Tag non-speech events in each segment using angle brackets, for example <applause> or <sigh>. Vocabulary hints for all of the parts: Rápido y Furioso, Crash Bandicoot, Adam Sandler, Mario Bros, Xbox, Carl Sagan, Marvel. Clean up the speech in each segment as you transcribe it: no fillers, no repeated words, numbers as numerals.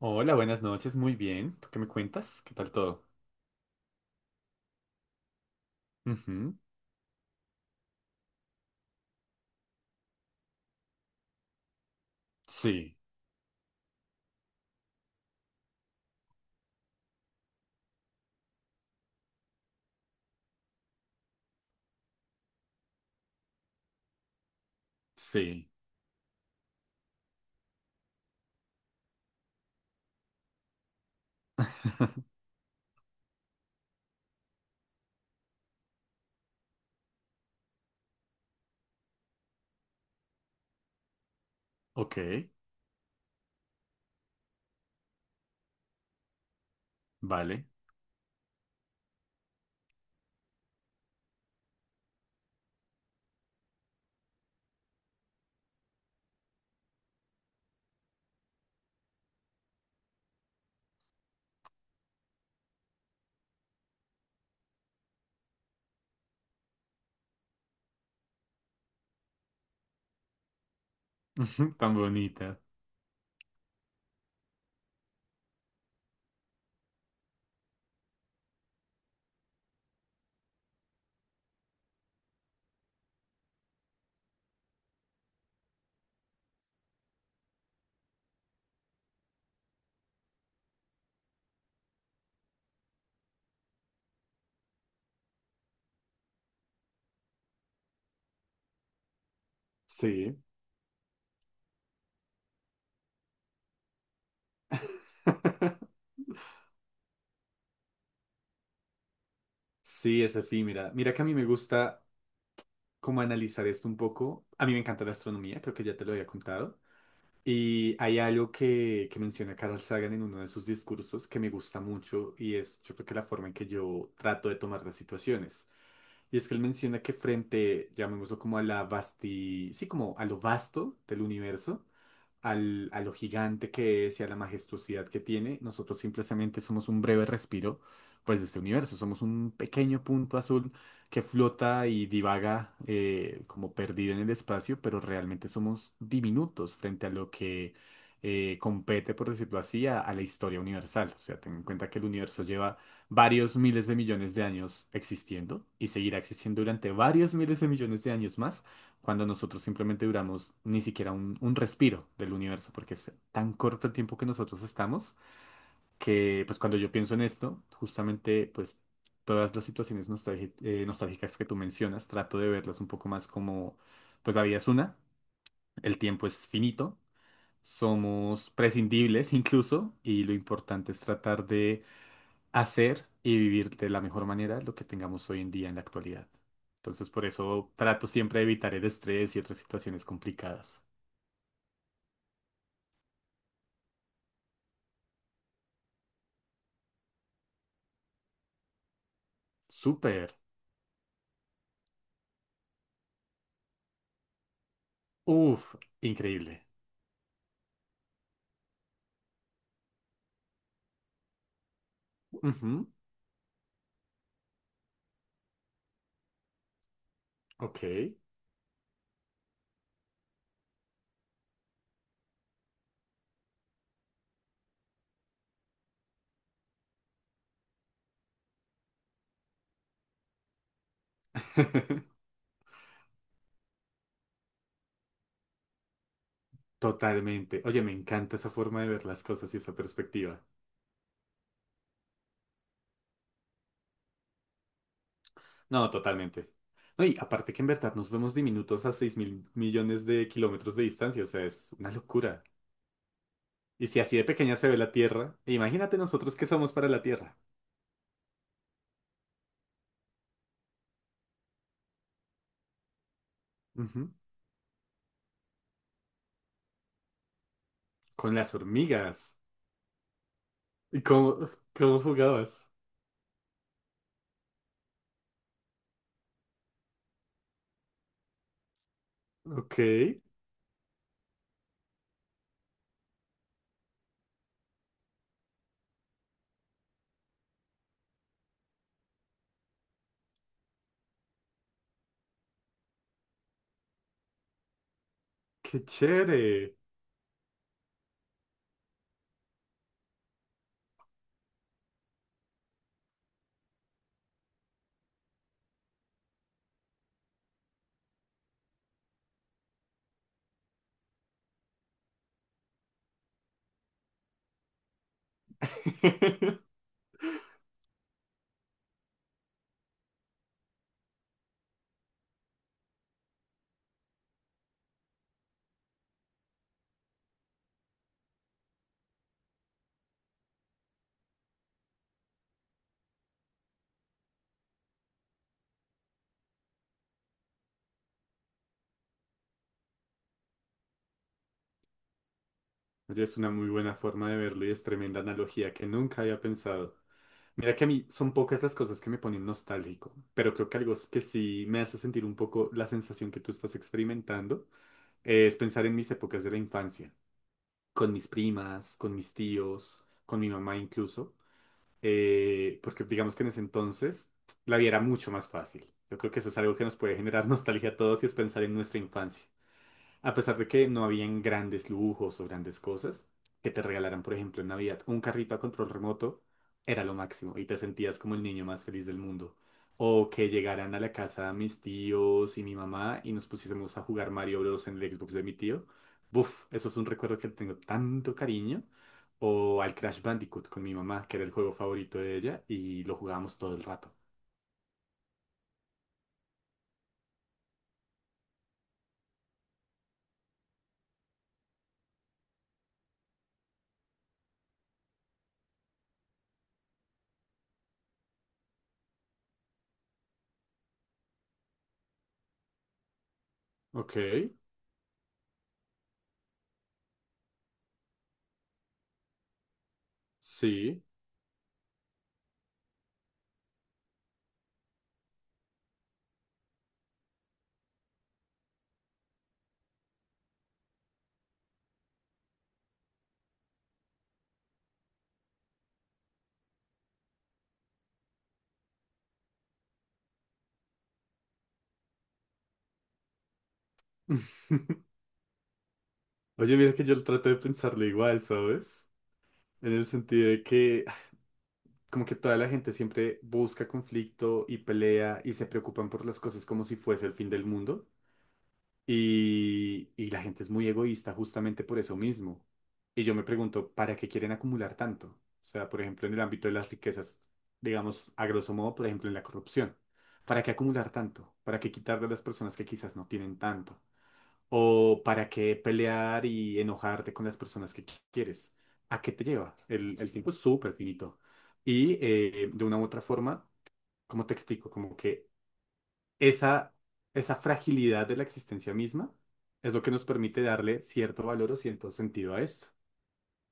Hola, buenas noches, muy bien. ¿Tú qué me cuentas? ¿Qué tal todo? Ujú. Sí, sí. <laughs> Ok, vale. <laughs> Tan bonita. Sí, sí, es efímera. Mira que a mí me gusta como analizar esto un poco. A mí me encanta la astronomía, creo que ya te lo había contado. Y hay algo que menciona Carl Sagan en uno de sus discursos que me gusta mucho y es yo creo que la forma en que yo trato de tomar las situaciones. Y es que él menciona que frente, llamémoslo como a sí, como a lo vasto del universo, a lo gigante que es y a la majestuosidad que tiene, nosotros simplemente somos un breve respiro, pues, de este universo. Somos un pequeño punto azul que flota y divaga, como perdido en el espacio, pero realmente somos diminutos frente a lo que compete, por decirlo así, a la historia universal. O sea, ten en cuenta que el universo lleva varios miles de millones de años existiendo y seguirá existiendo durante varios miles de millones de años más cuando nosotros simplemente duramos ni siquiera un respiro del universo, porque es tan corto el tiempo que nosotros estamos, que pues cuando yo pienso en esto, justamente pues todas las situaciones nostálgicas que tú mencionas, trato de verlas un poco más como, pues la vida es una, el tiempo es finito, somos prescindibles <laughs> incluso, y lo importante es tratar de hacer y vivir de la mejor manera lo que tengamos hoy en día en la actualidad. Entonces, por eso trato siempre de evitar el estrés y otras situaciones complicadas. Súper. Uf, increíble. Ujú. Ok. <laughs> Totalmente. Oye, me encanta esa forma de ver las cosas y esa perspectiva. No, totalmente. No, y aparte que en verdad nos vemos diminutos a 6.000 millones de kilómetros de distancia, o sea, es una locura. Y si así de pequeña se ve la Tierra, imagínate nosotros qué somos para la Tierra. Ujú. Con las hormigas. ¿Y cómo, cómo jugabas? Ok, qué chévere. <laughs> Oye, es una muy buena forma de verlo y es tremenda analogía que nunca había pensado. Mira que a mí son pocas las cosas que me ponen nostálgico, pero creo que algo es que sí me hace sentir un poco la sensación que tú estás experimentando, es pensar en mis épocas de la infancia, con mis primas, con mis tíos, con mi mamá incluso. Porque digamos que en ese entonces la vida era mucho más fácil. Yo creo que eso es algo que nos puede generar <laughs> nostalgia a todos y es pensar en nuestra infancia. A pesar de que no habían grandes lujos o grandes cosas, que te regalaran, por ejemplo, en Navidad un carrito a control remoto era lo máximo y te sentías como el niño más feliz del mundo. O que llegaran a la casa mis tíos y mi mamá y nos pusiésemos a jugar Mario Bros. En el Xbox de mi tío. Buf, eso es un recuerdo que tengo tanto cariño. O al Crash Bandicoot con mi mamá, que era el juego favorito de ella y lo jugábamos todo el rato. Ok, sí. <laughs> Oye, mira que yo trato de pensarlo igual, ¿sabes? En el sentido de que ay, como que toda la gente siempre busca conflicto y pelea y se preocupan por las cosas como si fuese el fin del mundo. Y la gente es muy egoísta justamente por eso mismo. Y yo me pregunto, ¿para qué quieren acumular tanto? O sea, por ejemplo, en el ámbito de las riquezas, digamos, a grosso modo, por ejemplo, en la corrupción. ¿Para qué acumular tanto? ¿Para qué quitarle a las personas que quizás no tienen tanto? O para qué pelear y enojarte con las personas que quieres. ¿A qué te lleva? El tiempo es súper finito. Y de una u otra forma, ¿cómo te explico? Como que esa, esa fragilidad de la existencia misma es lo que nos permite darle cierto valor o cierto sentido a esto,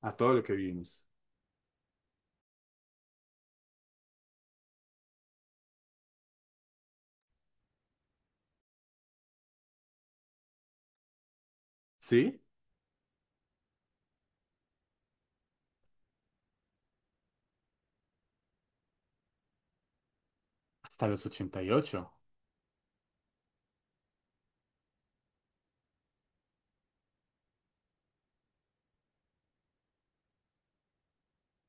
a todo lo que vivimos. ¿Sí? Hasta los 88.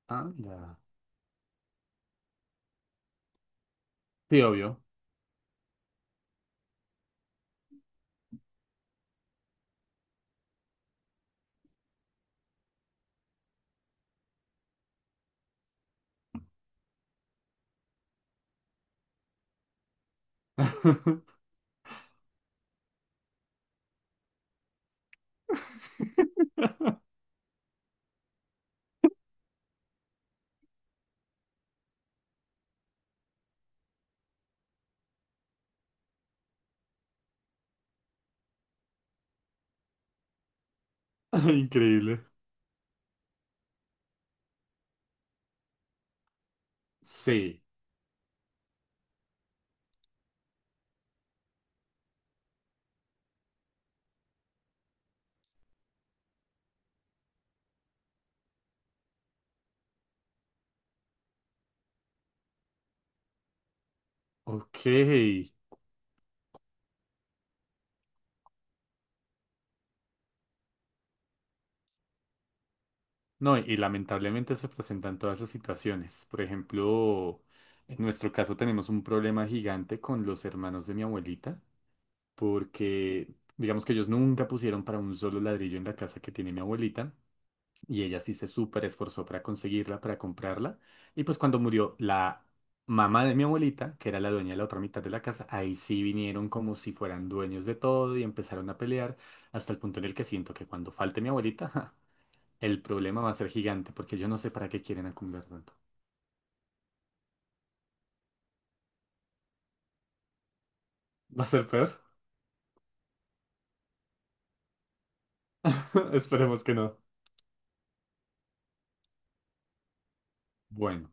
Anda. Sí, obvio. <laughs> Increíble. Sí. Ok. No, y lamentablemente se presentan todas esas situaciones. Por ejemplo, en nuestro caso tenemos un problema gigante con los hermanos de mi abuelita, porque digamos que ellos nunca pusieron para un solo ladrillo en la casa que tiene mi abuelita, y ella sí se súper esforzó para conseguirla, para comprarla, y pues cuando murió la mamá de mi abuelita, que era la dueña de la otra mitad de la casa, ahí sí vinieron como si fueran dueños de todo y empezaron a pelear, hasta el punto en el que siento que cuando falte mi abuelita... <laughs> El problema va a ser gigante porque yo no sé para qué quieren acumular tanto. ¿Va a ser peor? <laughs> Esperemos que no. Bueno,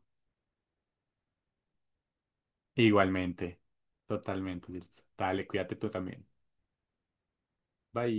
igualmente. Totalmente, Jules. Dale, cuídate tú también. Bye.